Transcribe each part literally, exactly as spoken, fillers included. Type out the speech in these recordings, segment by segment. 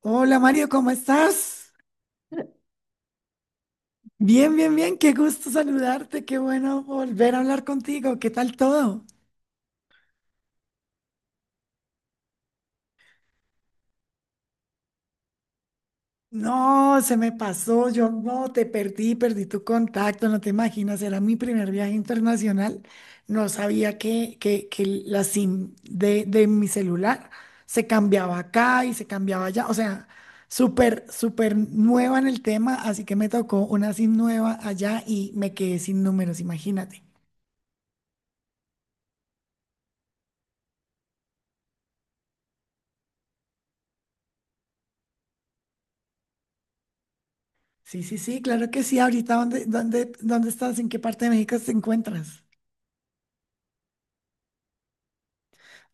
Hola Mario, ¿cómo estás? Bien, bien, bien, qué gusto saludarte, qué bueno volver a hablar contigo, ¿qué tal todo? No, se me pasó, yo no te perdí, perdí tu contacto, no te imaginas, era mi primer viaje internacional, no sabía que, que, que la SIM de, de mi celular se cambiaba acá y se cambiaba allá, o sea, súper, súper nueva en el tema, así que me tocó una SIM nueva allá y me quedé sin números, imagínate. Sí, sí, sí, claro que sí. Ahorita, ¿dónde, dónde, dónde estás? ¿En qué parte de México te encuentras?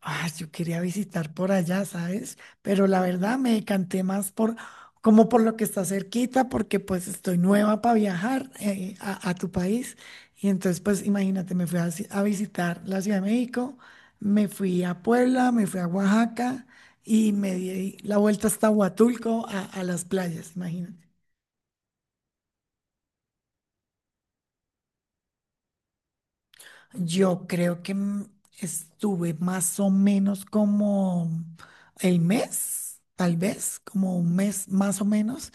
Ah, yo quería visitar por allá, ¿sabes? Pero la verdad me decanté más por, como por lo que está cerquita, porque pues estoy nueva para viajar eh, a, a tu país. Y entonces, pues imagínate, me fui a, ci- a visitar la Ciudad de México, me fui a Puebla, me fui a Oaxaca y me di la vuelta hasta Huatulco a, a las playas, imagínate. Yo creo que mm, estuve más o menos como el mes, tal vez, como un mes más o menos,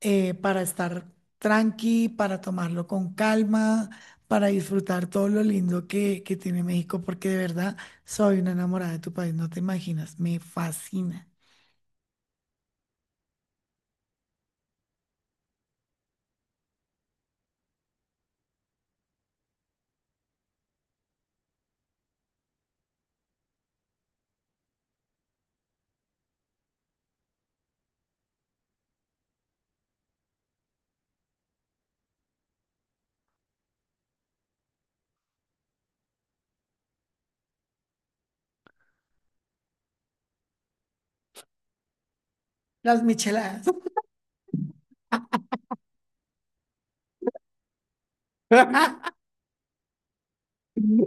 eh, para estar tranqui, para tomarlo con calma, para disfrutar todo lo lindo que, que tiene México, porque de verdad soy una enamorada de tu país, no te imaginas, me fascina. Las micheladas.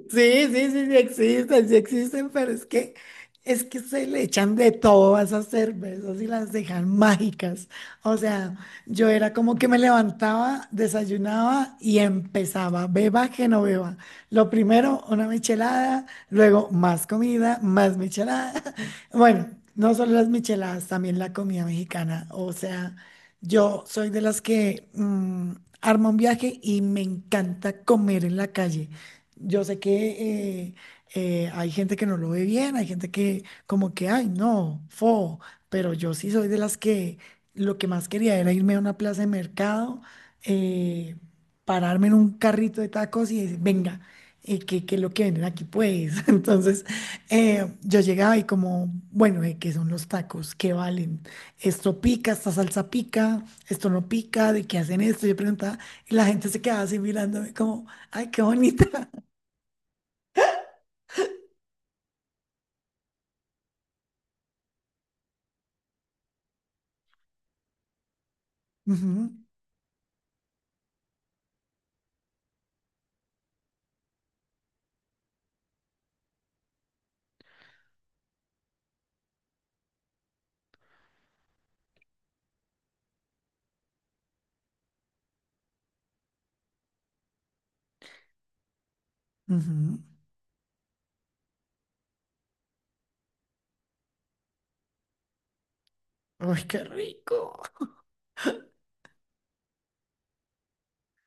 Sí, sí, sí, sí existen, sí existen, pero es que es que se le echan de todo a esas cervezas y las dejan mágicas. O sea, yo era como que me levantaba, desayunaba y empezaba, beba que no beba. Lo primero, una michelada, luego más comida, más michelada. Bueno, no solo las micheladas, también la comida mexicana. O sea, yo soy de las que mm, arma un viaje y me encanta comer en la calle. Yo sé que eh, eh, hay gente que no lo ve bien, hay gente que como que, ay, no, fo, pero yo sí soy de las que lo que más quería era irme a una plaza de mercado, eh, pararme en un carrito de tacos y decir, venga, eh, ¿qué, qué es lo que venden aquí, pues? Entonces, eh, yo llegaba y como, bueno, eh, ¿qué son los tacos? ¿Qué valen? Esto pica, esta salsa pica, esto no pica, ¿de qué hacen esto? Yo preguntaba y la gente se quedaba así mirándome como... Ay, qué bonita. Ujú, ujú. Uy, qué rico.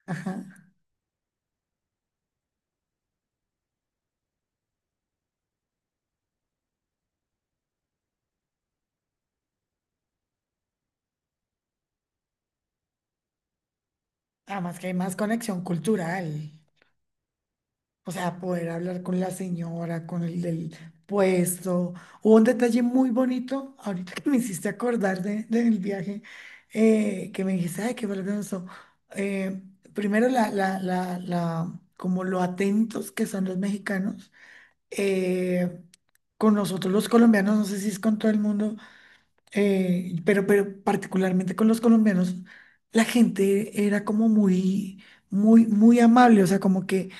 Ajá. Además que hay más conexión cultural. O sea, poder hablar con la señora, con el del puesto. Hubo un detalle muy bonito, ahorita que me hiciste acordar de, del viaje, eh, que me dijiste, ay, qué valioso. Eh, Primero, la, la, la, la, como lo atentos que son los mexicanos. Eh, con nosotros los colombianos, no sé si es con todo el mundo eh, pero, pero particularmente con los colombianos, la gente era como muy, muy, muy amable, o sea, como que,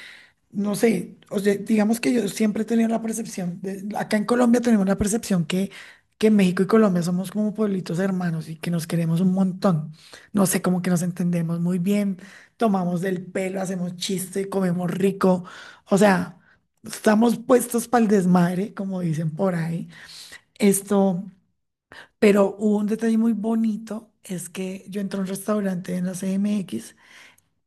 no sé, o sea, digamos que yo siempre he tenido la percepción, de- acá en Colombia tenemos la percepción que, que México y Colombia somos como pueblitos hermanos y que nos queremos un montón, no sé, como que nos entendemos muy bien, tomamos del pelo, hacemos chiste, comemos rico, o sea, estamos puestos para el desmadre, como dicen por ahí, esto... Pero hubo un detalle muy bonito, es que yo entré a un restaurante en la C M X,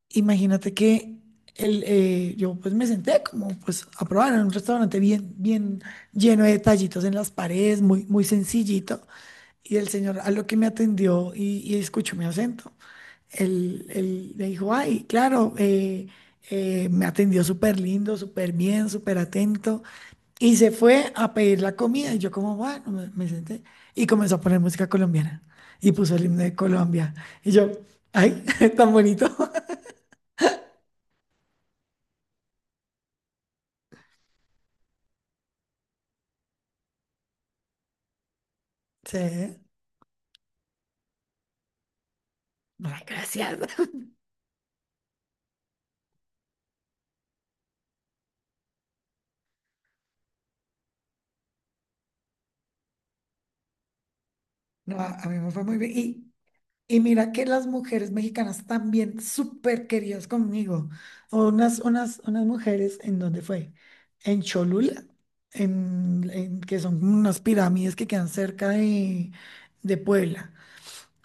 imagínate que el, eh, yo pues me senté como pues a probar en un restaurante bien, bien lleno de detallitos en las paredes, muy, muy sencillito, y el señor a lo que me atendió y, y escuchó mi acento, él, él me dijo, ay, claro, eh, eh, me atendió súper lindo, súper bien, súper atento. Y se fue a pedir la comida y yo como, bueno, me, me senté y comenzó a poner música colombiana y puso el himno de Colombia. Y yo, ay, tan bonito. Sí, ay, gracias. No, a a mí me fue muy bien. Y, y mira que las mujeres mexicanas también súper queridas conmigo. Unas, unas, unas mujeres, ¿en dónde fue? En Cholula, en, en- que son unas pirámides que quedan cerca de, de Puebla.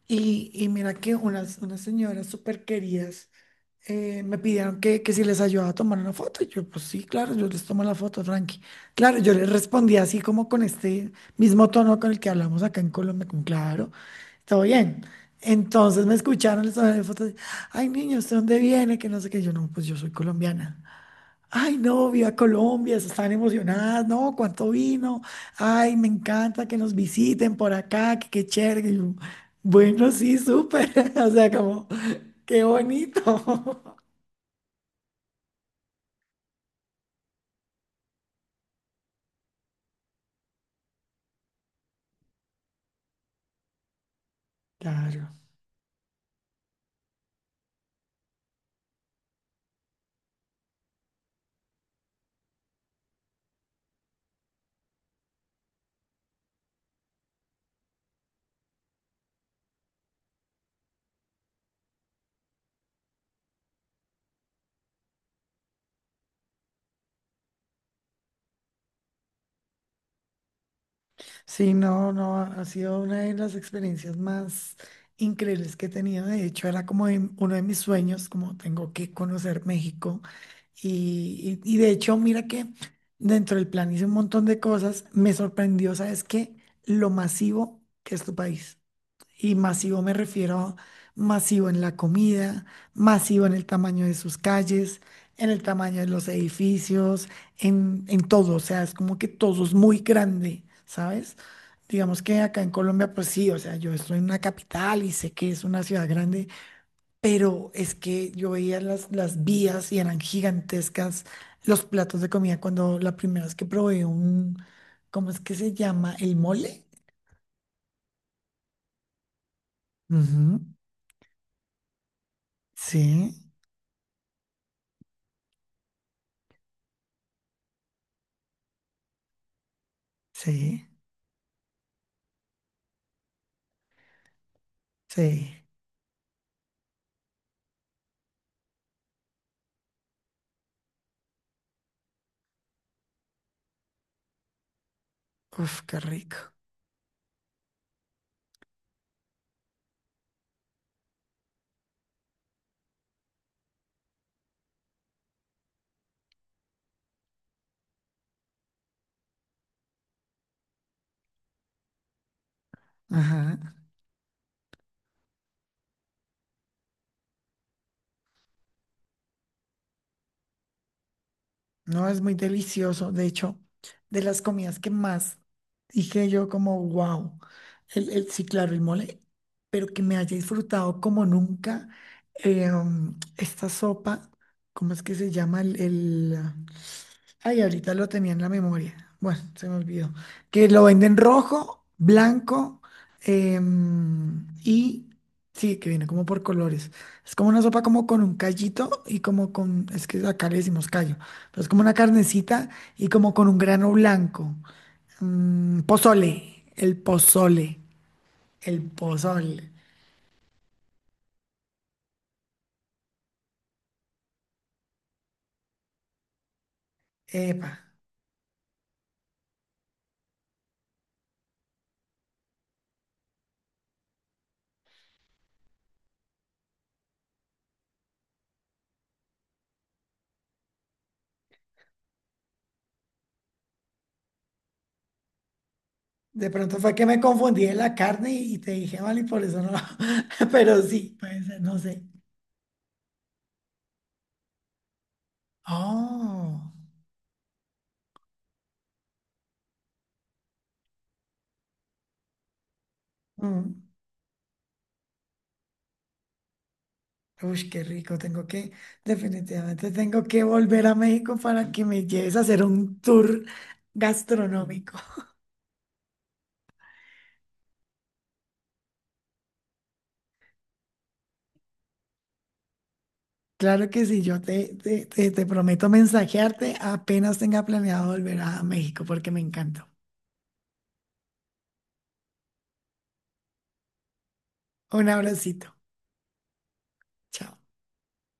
Y, y mira que unas, unas señoras súper queridas eh, me pidieron que, que si les ayudaba a tomar una foto. Y yo, pues sí, claro, yo les tomo la foto, tranqui. Claro, yo les respondí así como con este mismo tono con el que hablamos acá en Colombia, con claro, todo bien. Entonces me escucharon, les tomé la foto. Ay, niño, ¿usted dónde viene? Que no sé qué. Yo, no, pues yo soy colombiana. Ay, no, viva Colombia, se están emocionadas, no, cuánto vino, ay, me encanta que nos visiten por acá, que qué chévere. Y yo, bueno, sí, súper, o sea, como, qué bonito. Claro. Sí, no, no, ha sido una de las experiencias más increíbles que he tenido. De hecho, era como de- uno de mis sueños, como tengo que conocer México. Y, y- y de hecho, mira que dentro del plan hice un montón de cosas. Me sorprendió, ¿sabes qué? Lo masivo que es tu país. Y masivo me refiero masivo en la comida, masivo en el tamaño de sus calles, en el tamaño de los edificios, en, en todo. O sea, es como que todo es muy grande, ¿sabes? Digamos que acá en Colombia, pues sí, o sea, yo estoy en una capital y sé que es una ciudad grande, pero es que yo veía las, las vías y eran gigantescas los platos de comida cuando la primera vez que probé un, ¿cómo es que se llama? El mole. Ujú, sí, sí. Sí, uf, qué rico. Ajá. No, es muy delicioso. De hecho, de las comidas que más dije yo como, wow, el, el, sí, claro, el mole, pero que me haya disfrutado como nunca eh, um, esta sopa, ¿cómo es que se llama? El, el, Ay, ahorita lo tenía en la memoria. Bueno, se me olvidó. Que lo venden rojo, blanco em, y sí, que viene como por colores. Es como una sopa como con un callito y como con, es que acá le decimos callo, pero es como una carnecita y como con un grano blanco. Mm, pozole, el pozole, el pozole. Epa. De pronto fue que me confundí en la carne y te dije mal y por eso no. Pero sí, puede ser, no sé. Oh. Mm. Uy, qué rico, tengo que, definitivamente tengo que volver a México para que me lleves a hacer un tour gastronómico. Claro que sí, yo te, te, te, te prometo mensajearte apenas tenga planeado volver a México porque me encantó. Un abracito. Chao.